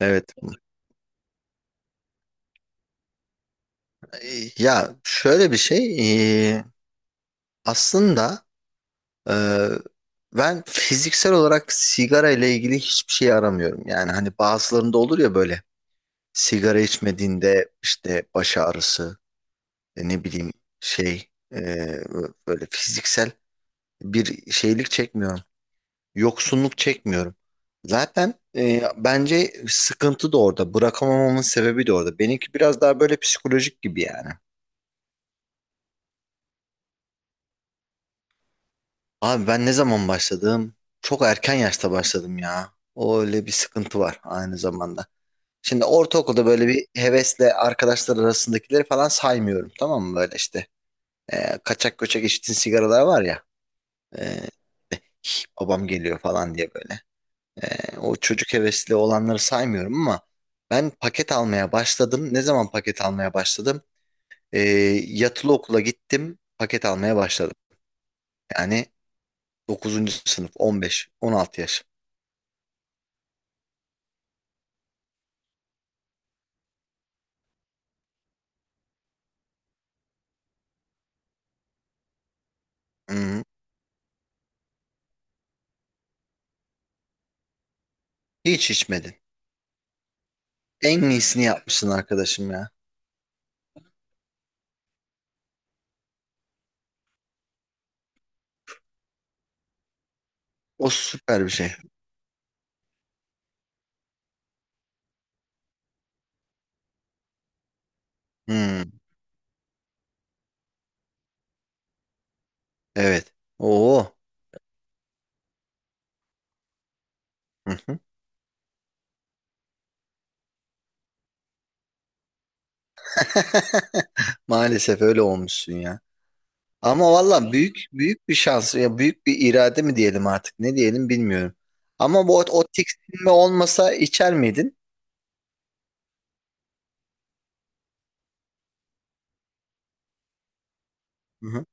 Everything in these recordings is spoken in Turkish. Evet. Ya şöyle bir şey, e, aslında, e, ben fiziksel olarak sigara ile ilgili hiçbir şey aramıyorum. Yani hani bazılarında olur ya, böyle sigara içmediğinde işte baş ağrısı, ne bileyim, şey e, böyle fiziksel bir şeylik çekmiyorum. Yoksunluk çekmiyorum. Zaten bence sıkıntı da orada. Bırakamamamın sebebi de orada. Benimki biraz daha böyle psikolojik gibi yani. Abi ben ne zaman başladım? Çok erken yaşta başladım ya. O öyle bir sıkıntı var aynı zamanda. Şimdi ortaokulda böyle bir hevesle arkadaşlar arasındakileri falan saymıyorum, tamam mı? Böyle işte, kaçak göçek içtiğin sigaralar var ya. e, "Hih, babam geliyor" falan diye böyle. O çocuk hevesli olanları saymıyorum ama ben paket almaya başladım. Ne zaman paket almaya başladım? E, Yatılı okula gittim, paket almaya başladım. Yani 9. sınıf, 15-16 yaş. Hı. Hiç içmedin. En iyisini yapmışsın arkadaşım ya. O süper bir şey. Hmm, evet. Oo. Hı hı. Maalesef öyle olmuşsun ya. Ama valla büyük büyük bir şans ya, büyük bir irade mi diyelim artık, ne diyelim bilmiyorum. Ama bu o, o tiksinme olmasa içer miydin? Hı hı.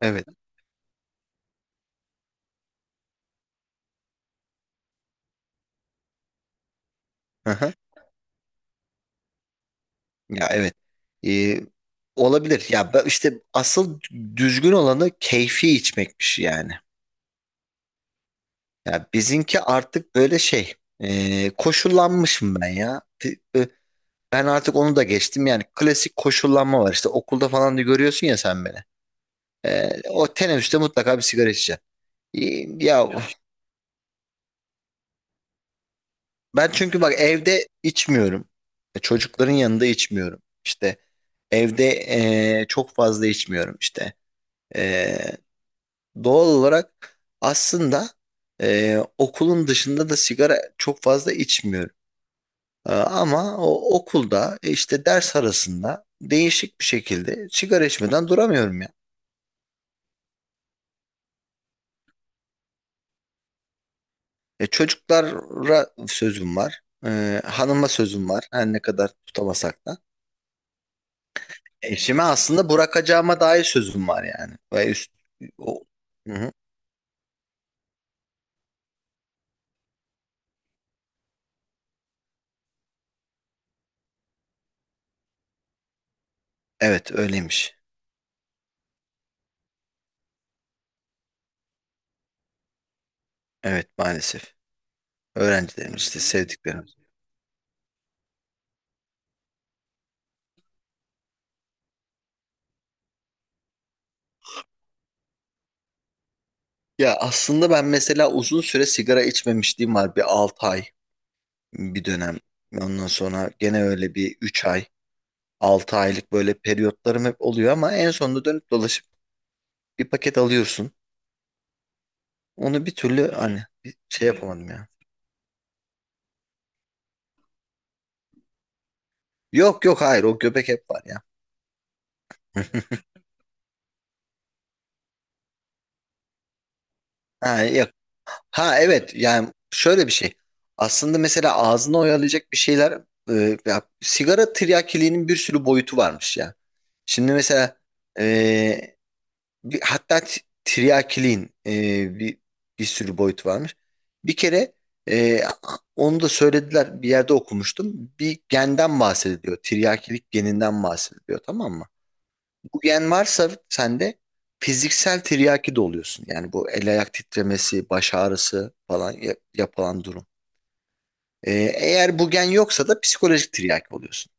Evet. Hı hı. Ya evet. Ee, Olabilir. İşte asıl düzgün olanı keyfi içmekmiş yani. Ya bizimki artık böyle koşullanmışım ben ya. Ben artık onu da geçtim yani. Klasik koşullanma var işte, okulda falan da görüyorsun ya sen beni. E, o teneffüste mutlaka bir sigara içeceksin. Ya ben çünkü bak evde içmiyorum. Çocukların yanında içmiyorum. İşte evde çok fazla içmiyorum işte. E, Doğal olarak aslında okulun dışında da sigara çok fazla içmiyorum. Ama o okulda, işte ders arasında değişik bir şekilde sigara içmeden duramıyorum ya. Çocuklara sözüm var. Hanıma sözüm var. Her ne kadar tutamasak da. Eşime aslında bırakacağıma dair sözüm var yani. O, Hı hı. Evet öyleymiş. Evet maalesef. Öğrencilerimiz işte, sevdiklerimiz. Ya aslında ben mesela uzun süre sigara içmemişliğim var. Bir 6 ay bir dönem. Ondan sonra gene öyle bir 3 ay. 6 aylık böyle periyotlarım hep oluyor ama en sonunda dönüp dolaşıp bir paket alıyorsun. Onu bir türlü hani bir şey yapamadım ya. Yok yok, hayır, o göbek hep var ya. Ha yok. Ha evet, yani şöyle bir şey. Aslında mesela ağzını oyalayacak bir şeyler, ya, sigara tiryakiliğinin bir sürü boyutu varmış ya. Şimdi mesela e, bir, hatta tiryakiliğin bir sürü boyut varmış. Bir kere e, onu da söylediler, bir yerde okumuştum. Bir genden bahsediliyor. Tiryakilik geninden bahsediliyor, tamam mı? Bu gen varsa sende fiziksel tiryaki de oluyorsun. Yani bu el ayak titremesi, baş ağrısı falan yapılan durum. Eğer bu gen yoksa da psikolojik tiryaki oluyorsun.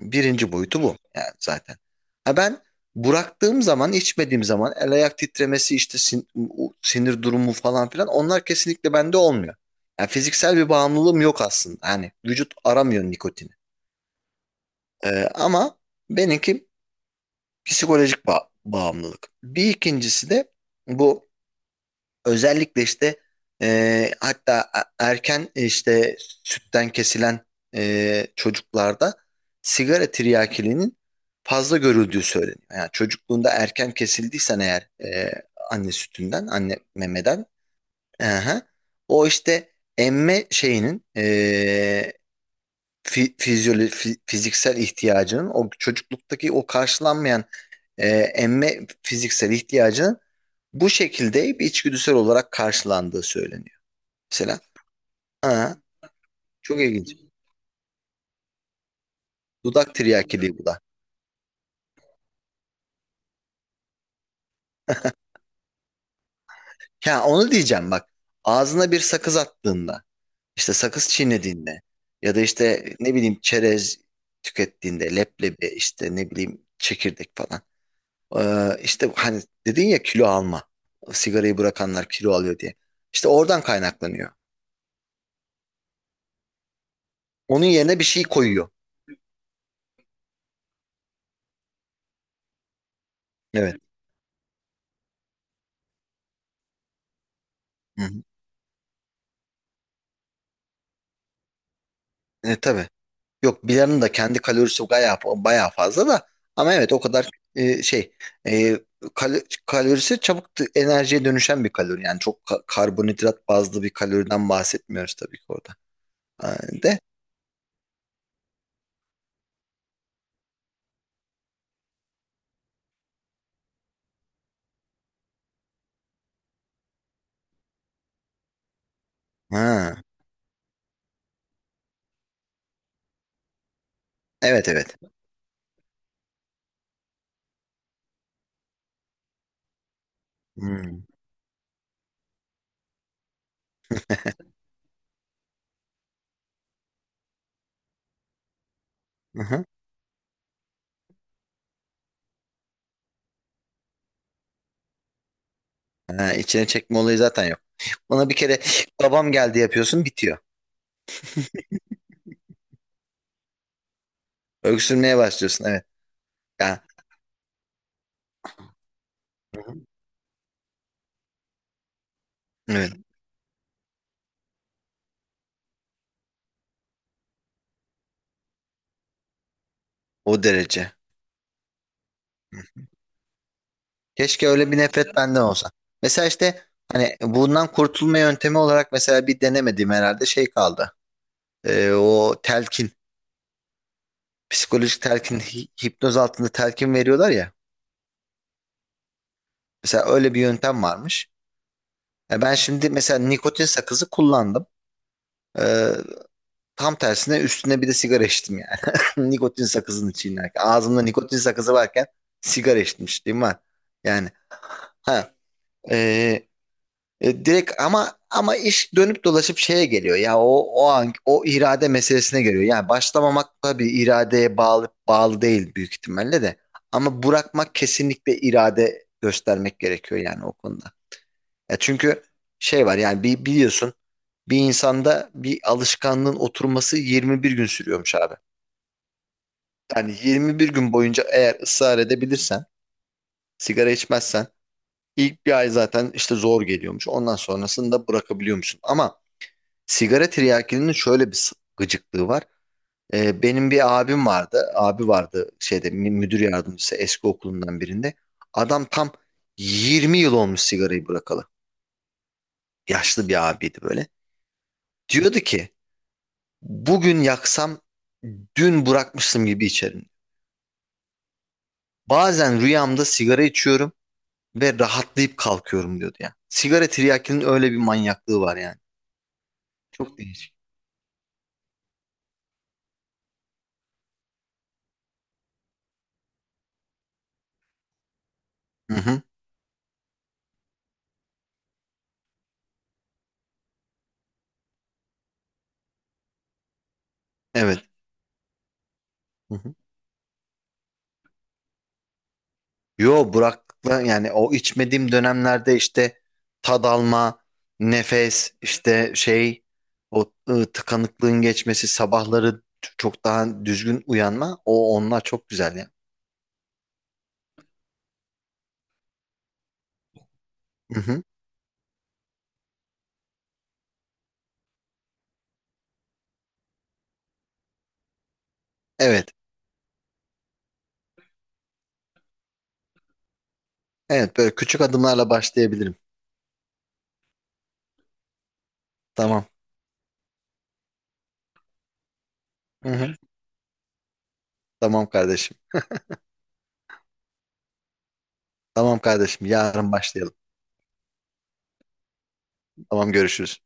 Birinci boyutu bu yani zaten. Ha ben bıraktığım zaman, içmediğim zaman el ayak titremesi, işte sinir durumu falan filan, onlar kesinlikle bende olmuyor. Yani fiziksel bir bağımlılığım yok aslında. Yani vücut aramıyor nikotini. Ama benimki psikolojik bağımlılık. Bir ikincisi de bu. Özellikle işte, hatta erken, işte sütten kesilen çocuklarda sigara tiryakiliğinin fazla görüldüğü söyleniyor. Yani çocukluğunda erken kesildiysen eğer, anne sütünden, anne memeden, aha, o işte emme şeyinin, fiziksel ihtiyacının, o çocukluktaki o karşılanmayan e, emme fiziksel ihtiyacının bu şekilde bir içgüdüsel olarak karşılandığı söyleniyor. Mesela ha, çok ilginç. Dudak tiryakiliği bu da. Ya onu diyeceğim bak. Ağzına bir sakız attığında, işte sakız çiğnediğinde, ya da işte ne bileyim çerez tükettiğinde, leblebi işte, ne bileyim, çekirdek falan. İşte hani dedin ya, kilo alma. Sigarayı bırakanlar kilo alıyor diye. İşte oradan kaynaklanıyor. Onun yerine bir şey koyuyor. Evet. Hı hı. Tabii. Yok biranın da kendi kalorisi bayağı, bayağı fazla da, ama evet o kadar, e, şey e, kalorisi çabuk, enerjiye dönüşen bir kalori. Yani çok karbonhidrat bazlı bir kaloriden bahsetmiyoruz tabii ki orada. Ha, de ha, evet evet. Hmm. Aha. Ha, içine çekme olayı zaten yok. Bana bir kere babam geldi, yapıyorsun bitiyor. Öksürmeye başlıyorsun, evet. Ya, hı hı, evet, o derece. Keşke öyle bir nefret benden olsa. Mesela işte, hani bundan kurtulma yöntemi olarak mesela bir denemediğim herhalde şey kaldı. O telkin, psikolojik telkin, hipnoz altında telkin veriyorlar ya. Mesela öyle bir yöntem varmış. Ya ben şimdi mesela nikotin sakızı kullandım. Ee, Tam tersine üstüne bir de sigara içtim yani. Nikotin sakızının çiğnerken, ağzımda nikotin sakızı varken sigara içmişliğim var. Yani ha, e, direkt. Ama iş dönüp dolaşıp şeye geliyor ya, o o an o irade meselesine geliyor. Yani başlamamak tabii iradeye bağlı değil büyük ihtimalle de. Ama bırakmak kesinlikle irade göstermek gerekiyor yani o konuda. Ya çünkü şey var, yani bir biliyorsun, bir insanda bir alışkanlığın oturması 21 gün sürüyormuş abi. Yani 21 gün boyunca eğer ısrar edebilirsen, sigara içmezsen, ilk bir ay zaten işte zor geliyormuş. Ondan sonrasında bırakabiliyormuşsun. Ama sigara tiryakinin şöyle bir gıcıklığı var. Benim bir abim vardı. Abi vardı, şeyde müdür yardımcısı eski okulundan birinde. Adam tam 20 yıl olmuş sigarayı bırakalı. Yaşlı bir abiydi böyle. Diyordu ki bugün yaksam dün bırakmıştım gibi içerim. Bazen rüyamda sigara içiyorum ve rahatlayıp kalkıyorum, diyordu ya. Sigara tiryakinin öyle bir manyaklığı var yani. Çok değişik. Hı hı. Evet. Yo Burak'la yani, o içmediğim dönemlerde işte tad alma, nefes, işte şey, tıkanıklığın geçmesi, sabahları çok daha düzgün uyanma, o onlar çok güzel ya. Hı hı. Evet. Evet, böyle küçük adımlarla başlayabilirim. Tamam. Hı hı. Tamam kardeşim. Tamam kardeşim, yarın başlayalım. Tamam, görüşürüz.